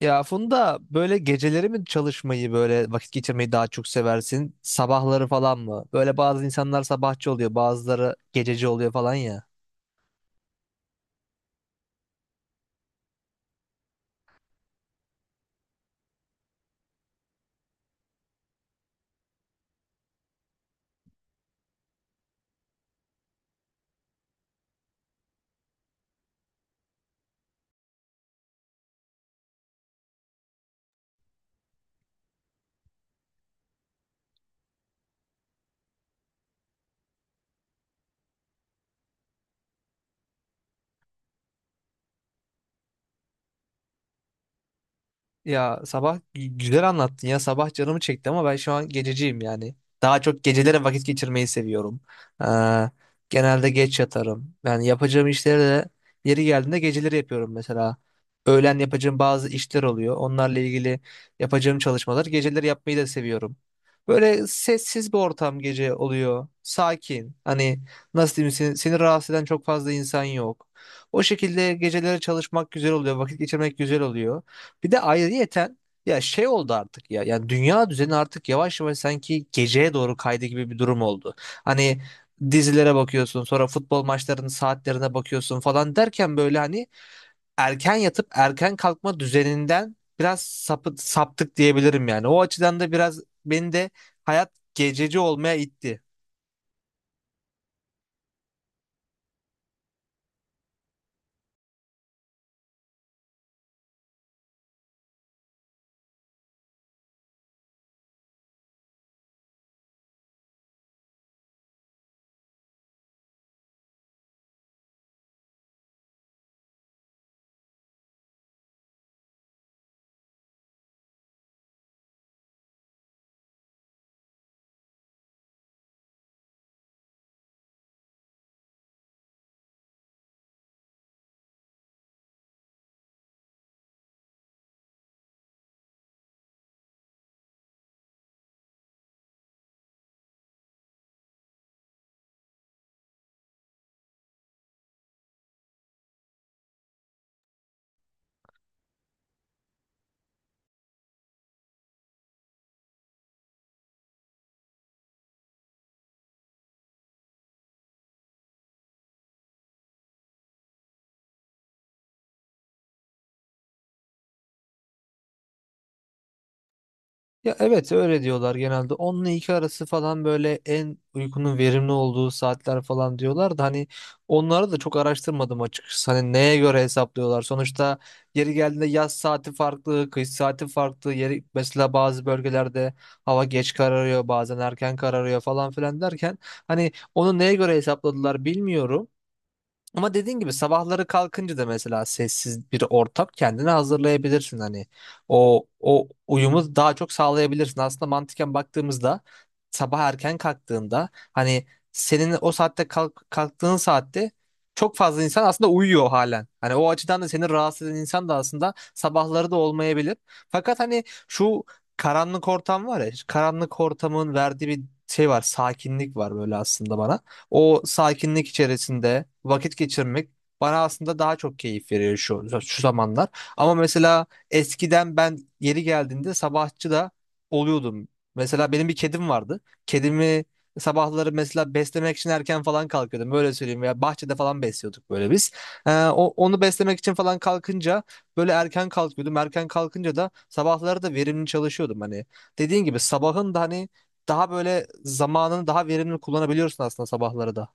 Ya Funda böyle geceleri mi çalışmayı böyle vakit geçirmeyi daha çok seversin? Sabahları falan mı? Böyle bazı insanlar sabahçı oluyor, bazıları gececi oluyor falan ya. Ya sabah güzel anlattın ya, sabah canımı çekti ama ben şu an gececiyim yani. Daha çok gecelere vakit geçirmeyi seviyorum. Ee, Genelde geç yatarım. Yani yapacağım işleri de yeri geldiğinde geceleri yapıyorum mesela. Öğlen yapacağım bazı işler oluyor. Onlarla ilgili yapacağım çalışmalar geceleri yapmayı da seviyorum. Böyle sessiz bir ortam gece oluyor. Sakin. Hani nasıl diyeyim, seni rahatsız eden çok fazla insan yok. O şekilde geceleri çalışmak güzel oluyor. Vakit geçirmek güzel oluyor. Bir de ayrıyeten ya şey oldu artık ya. Yani dünya düzeni artık yavaş yavaş sanki geceye doğru kaydı gibi bir durum oldu. Hani dizilere bakıyorsun, sonra futbol maçlarının saatlerine bakıyorsun falan derken böyle hani erken yatıp erken kalkma düzeninden biraz saptık diyebilirim yani. O açıdan da biraz beni de hayat gececi olmaya itti. Ya evet, öyle diyorlar genelde. 10 ile 2 arası falan, böyle en uykunun verimli olduğu saatler falan diyorlar da hani onları da çok araştırmadım açıkçası. Hani neye göre hesaplıyorlar? Sonuçta yeri geldiğinde yaz saati farklı, kış saati farklı. Yeri, mesela bazı bölgelerde hava geç kararıyor, bazen erken kararıyor falan filan derken hani onu neye göre hesapladılar bilmiyorum. Ama dediğin gibi sabahları kalkınca da mesela sessiz bir ortam kendine hazırlayabilirsin, hani o uyumu daha çok sağlayabilirsin. Aslında mantıken baktığımızda sabah erken kalktığında hani senin o saatte kalk, kalktığın saatte çok fazla insan aslında uyuyor halen. Hani o açıdan da seni rahatsız eden insan da aslında sabahları da olmayabilir. Fakat hani şu karanlık ortam var ya, karanlık ortamın verdiği bir şey var, sakinlik var böyle aslında bana. O sakinlik içerisinde vakit geçirmek bana aslında daha çok keyif veriyor şu zamanlar. Ama mesela eskiden ben yeri geldiğinde sabahçı da oluyordum. Mesela benim bir kedim vardı. Kedimi sabahları mesela beslemek için erken falan kalkıyordum. Böyle söyleyeyim, ya bahçede falan besliyorduk böyle biz. Onu beslemek için falan kalkınca böyle erken kalkıyordum. Erken kalkınca da sabahları da verimli çalışıyordum. Hani dediğin gibi sabahın da hani daha böyle zamanını daha verimli kullanabiliyorsun aslında sabahları da.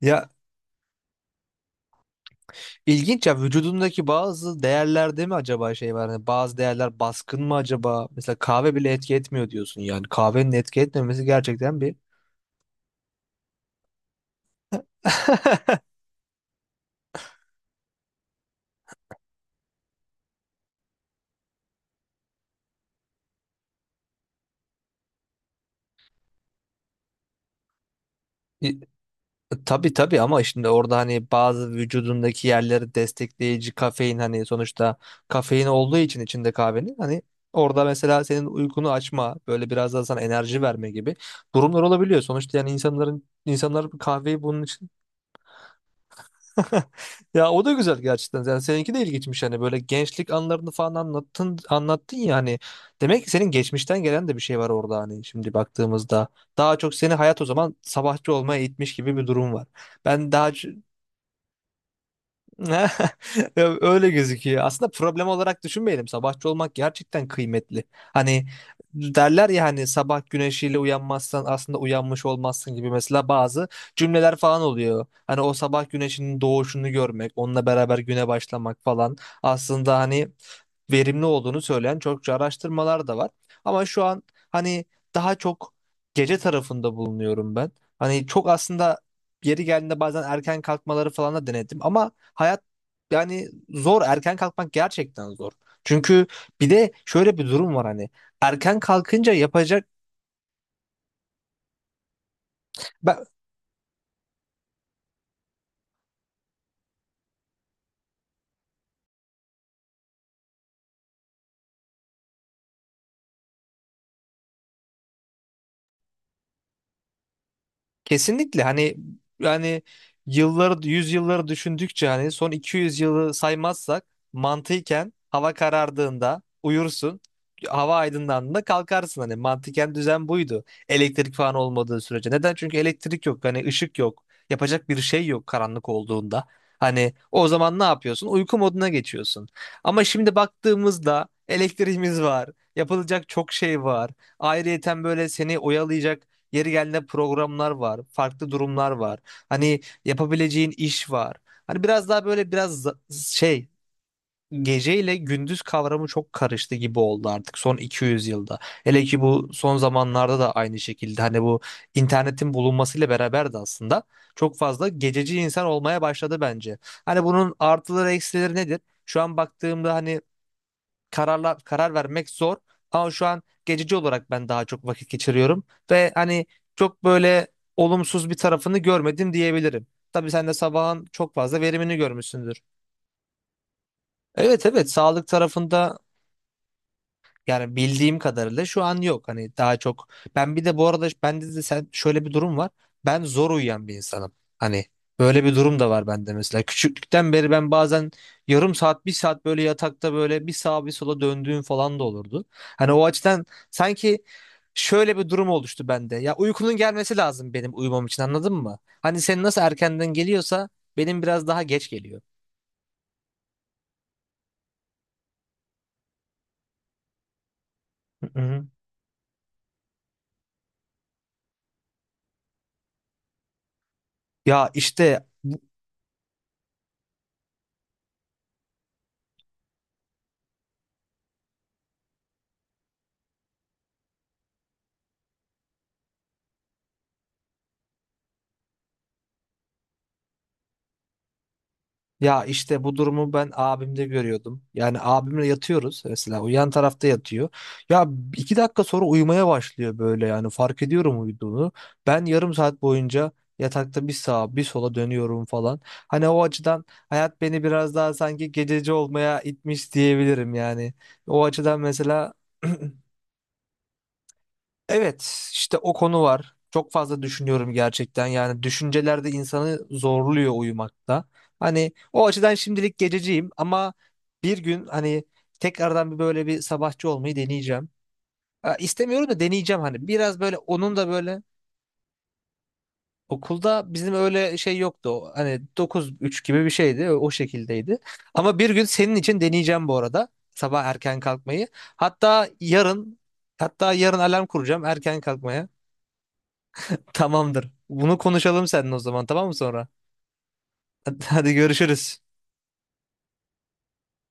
Ya ilginç ya, vücudundaki bazı değerler değil mi acaba, şey var? Hani bazı değerler baskın mı acaba? Mesela kahve bile etki etmiyor diyorsun yani. Kahvenin etki etmemesi gerçekten bir Tabii tabii, ama şimdi orada hani bazı vücudundaki yerleri destekleyici kafein, hani sonuçta kafein olduğu için içinde kahvenin, hani orada mesela senin uykunu açma, böyle biraz daha sana enerji verme gibi durumlar olabiliyor. Sonuçta yani insanlar kahveyi bunun için ya o da güzel gerçekten. Yani seninki de ilginçmiş, hani böyle gençlik anlarını falan anlattın anlattın ya, hani demek ki senin geçmişten gelen de bir şey var orada, hani şimdi baktığımızda daha çok seni hayat o zaman sabahçı olmaya itmiş gibi bir durum var. Ben daha Ya, öyle gözüküyor. Aslında problem olarak düşünmeyelim. Sabahçı olmak gerçekten kıymetli. Hani derler ya, hani sabah güneşiyle uyanmazsan aslında uyanmış olmazsın gibi mesela bazı cümleler falan oluyor. Hani o sabah güneşinin doğuşunu görmek, onunla beraber güne başlamak falan aslında hani verimli olduğunu söyleyen çokça araştırmalar da var. Ama şu an hani daha çok gece tarafında bulunuyorum ben. Hani çok aslında yeri geldiğinde bazen erken kalkmaları falan da denedim ama hayat yani zor. Erken kalkmak gerçekten zor. Çünkü bir de şöyle bir durum var hani. Erken kalkınca yapacak... Ben, kesinlikle hani yani yılları yüzyılları düşündükçe hani son 200 yılı saymazsak mantıken hava karardığında uyursun, hava aydınlandığında kalkarsın, hani mantıken düzen buydu elektrik falan olmadığı sürece, neden, çünkü elektrik yok, hani ışık yok, yapacak bir şey yok karanlık olduğunda, hani o zaman ne yapıyorsun, uyku moduna geçiyorsun. Ama şimdi baktığımızda elektriğimiz var, yapılacak çok şey var, ayrıyeten böyle seni oyalayacak, yeri geldiğinde programlar var, farklı durumlar var. Hani yapabileceğin iş var. Hani biraz daha böyle biraz geceyle gündüz kavramı çok karıştı gibi oldu artık son 200 yılda. Hele ki bu son zamanlarda da aynı şekilde, hani bu internetin bulunmasıyla beraber de aslında çok fazla gececi insan olmaya başladı bence. Hani bunun artıları, eksileri nedir? Şu an baktığımda hani karar vermek zor. Ama şu an geçici olarak ben daha çok vakit geçiriyorum ve hani çok böyle olumsuz bir tarafını görmedim diyebilirim. Tabii sen de sabahın çok fazla verimini görmüşsündür. Evet, evet, sağlık tarafında yani bildiğim kadarıyla şu an yok. Hani daha çok ben bir de bu arada bende de sen şöyle bir durum var. Ben zor uyuyan bir insanım. Hani böyle bir durum da var bende mesela. Küçüklükten beri ben bazen yarım saat, bir saat böyle yatakta böyle bir sağa bir sola döndüğüm falan da olurdu. Hani o açıdan sanki şöyle bir durum oluştu bende. Ya uykunun gelmesi lazım benim uyumam için, anladın mı? Hani senin nasıl erkenden geliyorsa benim biraz daha geç geliyor. Hı hı. Ya işte Ya işte bu durumu ben abimde görüyordum. Yani abimle yatıyoruz mesela. O yan tarafta yatıyor. Ya, 2 dakika sonra uyumaya başlıyor böyle yani, fark ediyorum uyuduğunu. Ben yarım saat boyunca yatakta bir sağa bir sola dönüyorum falan. Hani o açıdan hayat beni biraz daha sanki gececi olmaya itmiş diyebilirim yani. O açıdan mesela evet, işte o konu var. Çok fazla düşünüyorum gerçekten. Yani düşünceler de insanı zorluyor uyumakta. Hani o açıdan şimdilik gececiyim ama bir gün hani tekrardan bir böyle bir sabahçı olmayı deneyeceğim. Ha, İstemiyorum da deneyeceğim hani. Biraz böyle onun da böyle okulda bizim öyle şey yoktu. O hani 9-3 gibi bir şeydi. O şekildeydi. Ama bir gün senin için deneyeceğim bu arada. Sabah erken kalkmayı. Hatta yarın hatta yarın alarm kuracağım erken kalkmaya. Tamamdır. Bunu konuşalım seninle o zaman, tamam mı, sonra? Hadi görüşürüz.